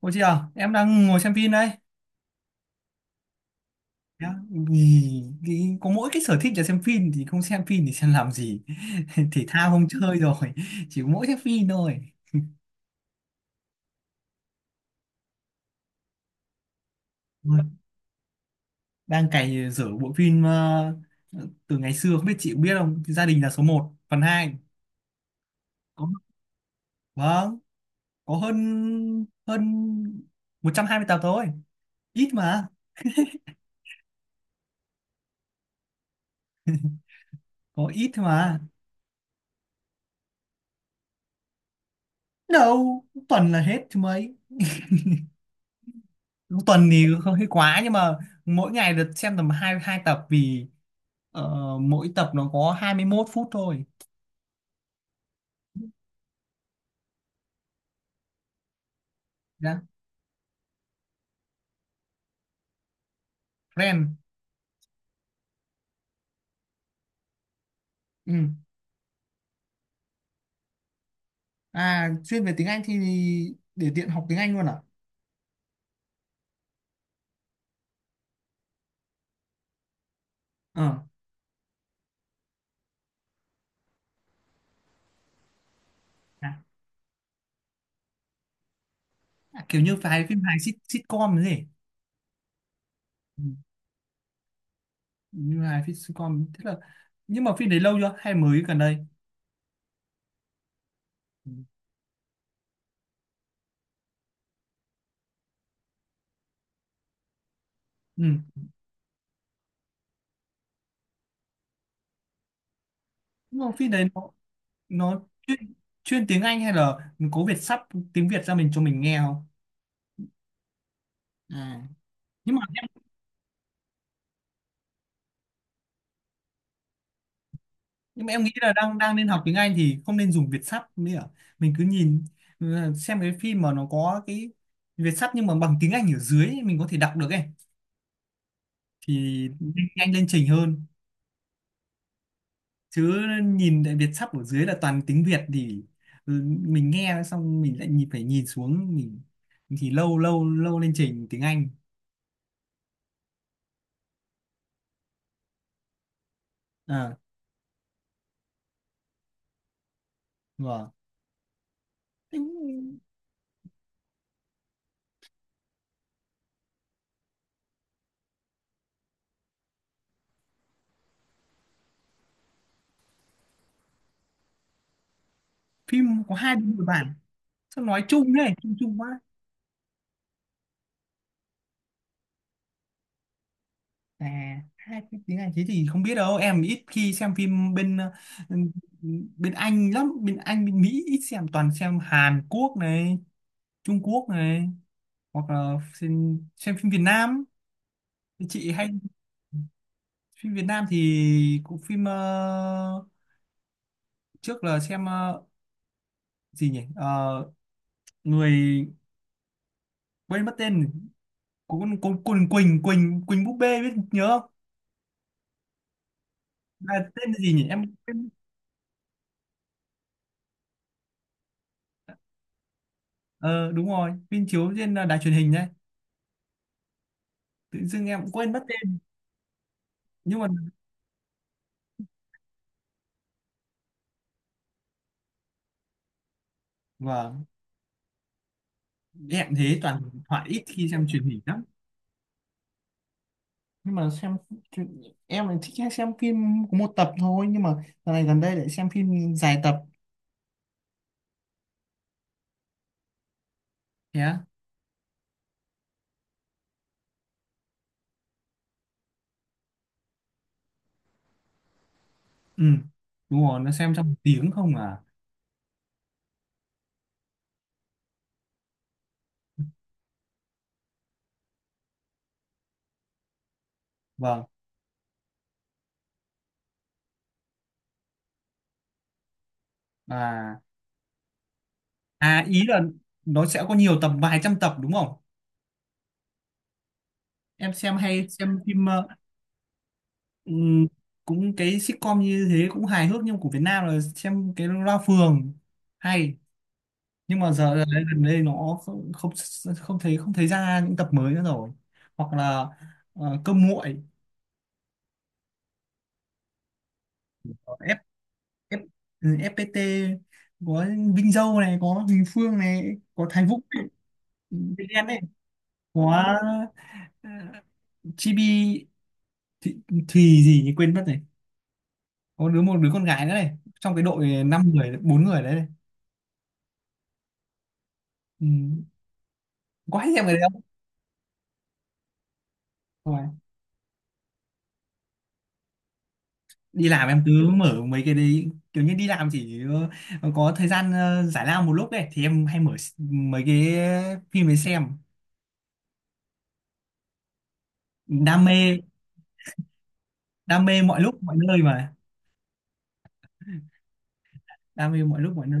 Ủa chị à, em đang ngồi xem phim đây. Nhá, vì cái, có mỗi cái sở thích là xem phim thì không xem phim thì xem làm gì. Thể thao không chơi rồi, chỉ có mỗi xem phim thôi. Ôi, đang cày dở bộ phim từ ngày xưa không biết chị có biết không? Gia đình là số một, phần hai. Có. Vâng, có hơn hơn 120 tập thôi. Ít mà, có ít thôi mà. Đâu, tuần là hết chứ mấy. Tuần thì hơi quá nhưng mà mỗi ngày được xem tầm hai hai tập vì Ờ, mỗi tập nó có 21 phút thôi. Dạ. Ren. Ừ. À, chuyên về tiếng Anh thì để tiện học tiếng Anh luôn à? Ờ. À, kiểu như phải phim hài sitcom thế. Ừ. Như hài phim sitcom thế là nhưng mà phim đấy lâu chưa hay mới gần đây? Ừ. Ừ. Nhưng mà phim đấy nó chuyên, chuyên tiếng Anh hay là có Việt sắp tiếng Việt ra mình cho mình nghe không? À. Nhưng mà nhưng mà em nghĩ là đang đang nên học tiếng Anh thì không nên dùng Việt sắp nữa, mình cứ nhìn, ừ, xem cái phim mà nó có cái Việt sắp nhưng mà bằng tiếng Anh ở dưới ấy, mình có thể đọc được ấy thì nhanh nhanh lên trình hơn, chứ nhìn lại Việt sắp ở dưới là toàn tiếng Việt thì, ừ, mình nghe xong mình lại nhìn phải nhìn xuống mình thì lâu lâu lâu lên trình tiếng Anh. À, vâng. Thế phim có hai đứa người bản sao nói chung đấy chung chung quá. À, hai cái tiếng Anh thế thì không biết đâu, em ít khi xem phim bên bên Anh lắm, bên Anh bên Mỹ ít xem, toàn xem Hàn Quốc này, Trung Quốc này, hoặc là xem phim Việt Nam. Chị hay phim Việt Nam thì cũng phim trước là xem gì nhỉ. Ờ, người quên mất tên của con Quỳnh Quỳnh Quỳnh búp bê biết nhớ không, là tên là gì nhỉ em quên. Ờ Đúng rồi, phim chiếu trên đài truyền hình đấy, tự dưng em cũng quên mất tên nhưng mà vâng. Em thế toàn thoại ít khi xem truyền hình lắm, nhưng mà xem truyền- em lại thích hay xem phim có một tập thôi nhưng mà dạo này gần đây lại xem phim dài tập. Thế á? Ừ, đúng rồi nó xem trong một tiếng không à. Vâng. À, ý là nó sẽ có nhiều tập vài trăm tập đúng không, em xem hay xem phim ừm, cũng cái sitcom như thế cũng hài hước nhưng của Việt Nam là xem cái Loa Phường hay, nhưng mà giờ đấy, gần đây nó không không không thấy ra những tập mới nữa rồi, hoặc là cơm nguội. Có F, F, FPT, có Vinh Dâu này, có Huỳnh Phương này, có Thái Vũ này, Vinh Đen này, có ờ, Chibi Thùy, Thùy gì nhỉ quên mất này, có một đứa con gái nữa này trong cái đội 5 người 4 người đấy này. Ừ. Có hay xem cái đấy không? Đi làm em cứ mở mấy cái đấy, kiểu như đi làm chỉ có thời gian giải lao một lúc đấy thì em hay mở mấy cái phim ấy xem. đam mê Đam mê mọi lúc mọi nơi mà. Đam mê mọi lúc mọi nơi.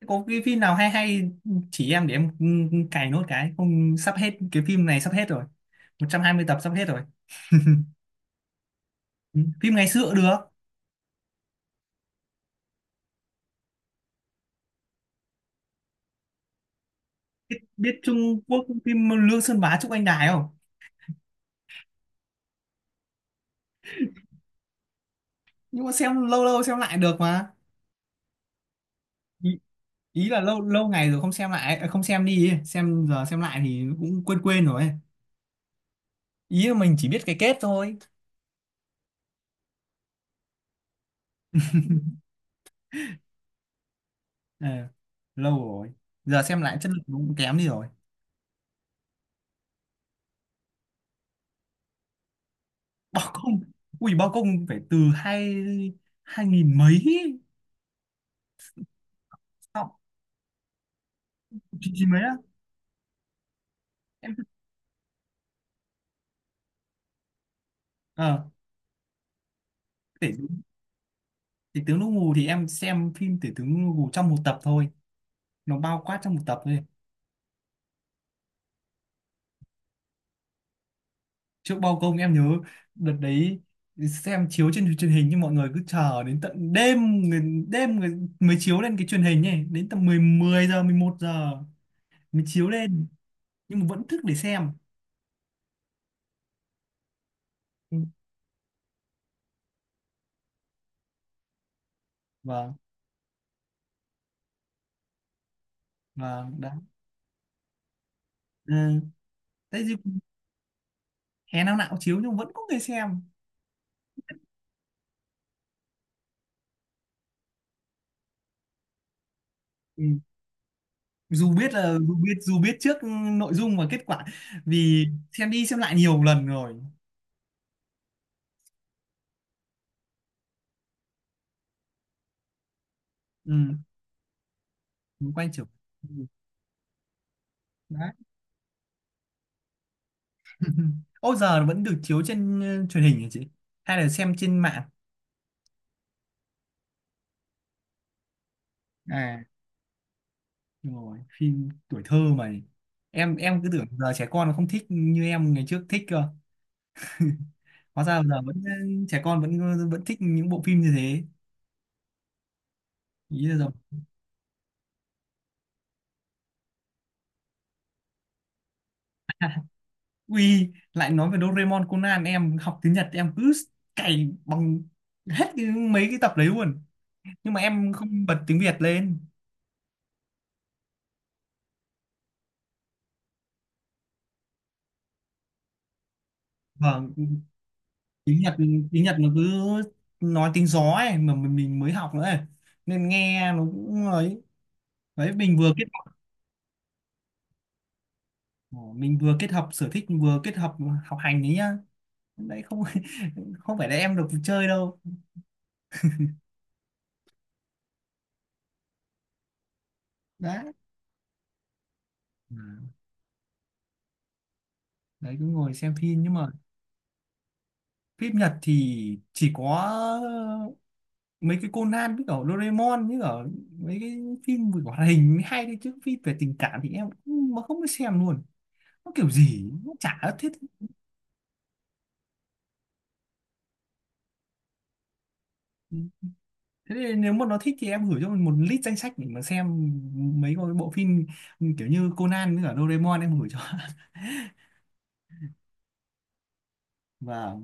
Thế có cái phim nào hay hay chỉ em để em, cày nốt cái không sắp hết, cái phim này sắp hết rồi, 120 tập sắp hết rồi. Ừ, phim ngày xưa cũng được, biết Trung Quốc phim Lương Sơn Bá Trúc Anh Đài không, nhưng mà xem lâu lâu xem lại được mà. Ý là lâu lâu ngày rồi không xem lại à, không xem đi ấy. Xem giờ xem lại thì cũng quên quên rồi ấy. Ý là mình chỉ biết cái kết thôi. Ờ, lâu rồi, giờ xem lại chất lượng cũng kém đi rồi. Bao Công. Ui Bao Công phải từ hai 2000 mấy ấy. Xong, 99 mấy á. Em ờ tể, tể tướng Đỗ Ngù thì em xem phim tể tướng Đỗ Ngù trong một tập thôi, nó bao quát trong một tập thôi. Trước Bao Công em nhớ đợt đấy xem chiếu trên truyền hình, nhưng mọi người cứ chờ đến tận đêm, người mới chiếu lên cái truyền hình ấy, đến tầm 10 10 giờ 11 giờ mới chiếu lên, nhưng mà vẫn thức để xem. Ừ. Vâng, vâng đấy, ừ. Thế chứ, hè năm nào cũng chiếu nhưng vẫn có người xem. Ừ. Dù biết trước nội dung và kết quả vì xem đi xem lại nhiều lần rồi. Ừ. Mới quay trở. Ừ. Đấy. Ừ. Ô giờ nó vẫn được chiếu trên truyền hình hả chị? Hay là xem trên mạng? À, đúng rồi, phim tuổi thơ mà. Em cứ tưởng giờ trẻ con nó không thích như em ngày trước thích cơ. Hóa ra giờ vẫn trẻ con vẫn vẫn thích những bộ phim như thế. Ý là rồi. Ui, lại nói về Doraemon Conan em học tiếng Nhật em cứ cày bằng hết cái, mấy cái tập đấy luôn. Nhưng mà em không bật tiếng Việt lên. Vâng, tiếng Nhật tiếng Nhật nó cứ nói tiếng gió ấy mà mình mới học nữa ấy, nên nghe nó cũng ấy. Đấy mình vừa kết hợp sở thích vừa kết hợp học hành đấy nhá. Đấy không. Không phải là em được chơi đâu. Đấy. Ừ. Đấy cứ ngồi xem phim nhưng mà phim Nhật thì chỉ có mấy cái Conan với cả Doraemon với cả mấy cái phim về hoạt hình mới hay đấy, chứ phim về tình cảm thì em mà không có xem luôn, nó kiểu gì nó chả thuyết. Thế thì nếu mà nó thích thì em gửi cho mình một list danh sách để mà xem mấy cái bộ phim kiểu như Conan với cả Doraemon em gửi cho. Và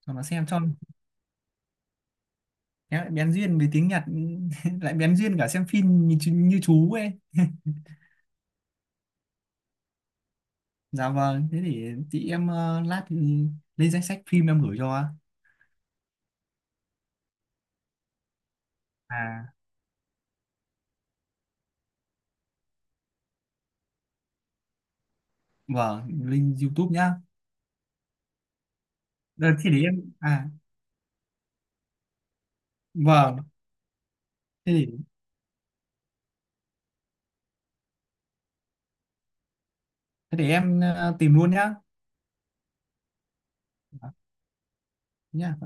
cho nó xem cho em bén duyên với tiếng Nhật. Lại bén duyên cả xem phim như chú ấy. Dạ vâng thế thì chị em lát thì lên danh sách phim em gửi cho. À vâng, link YouTube nhá. Ờ, thế để em, à vâng, thế để thế để em tìm luôn nhá. Dạ, nhá.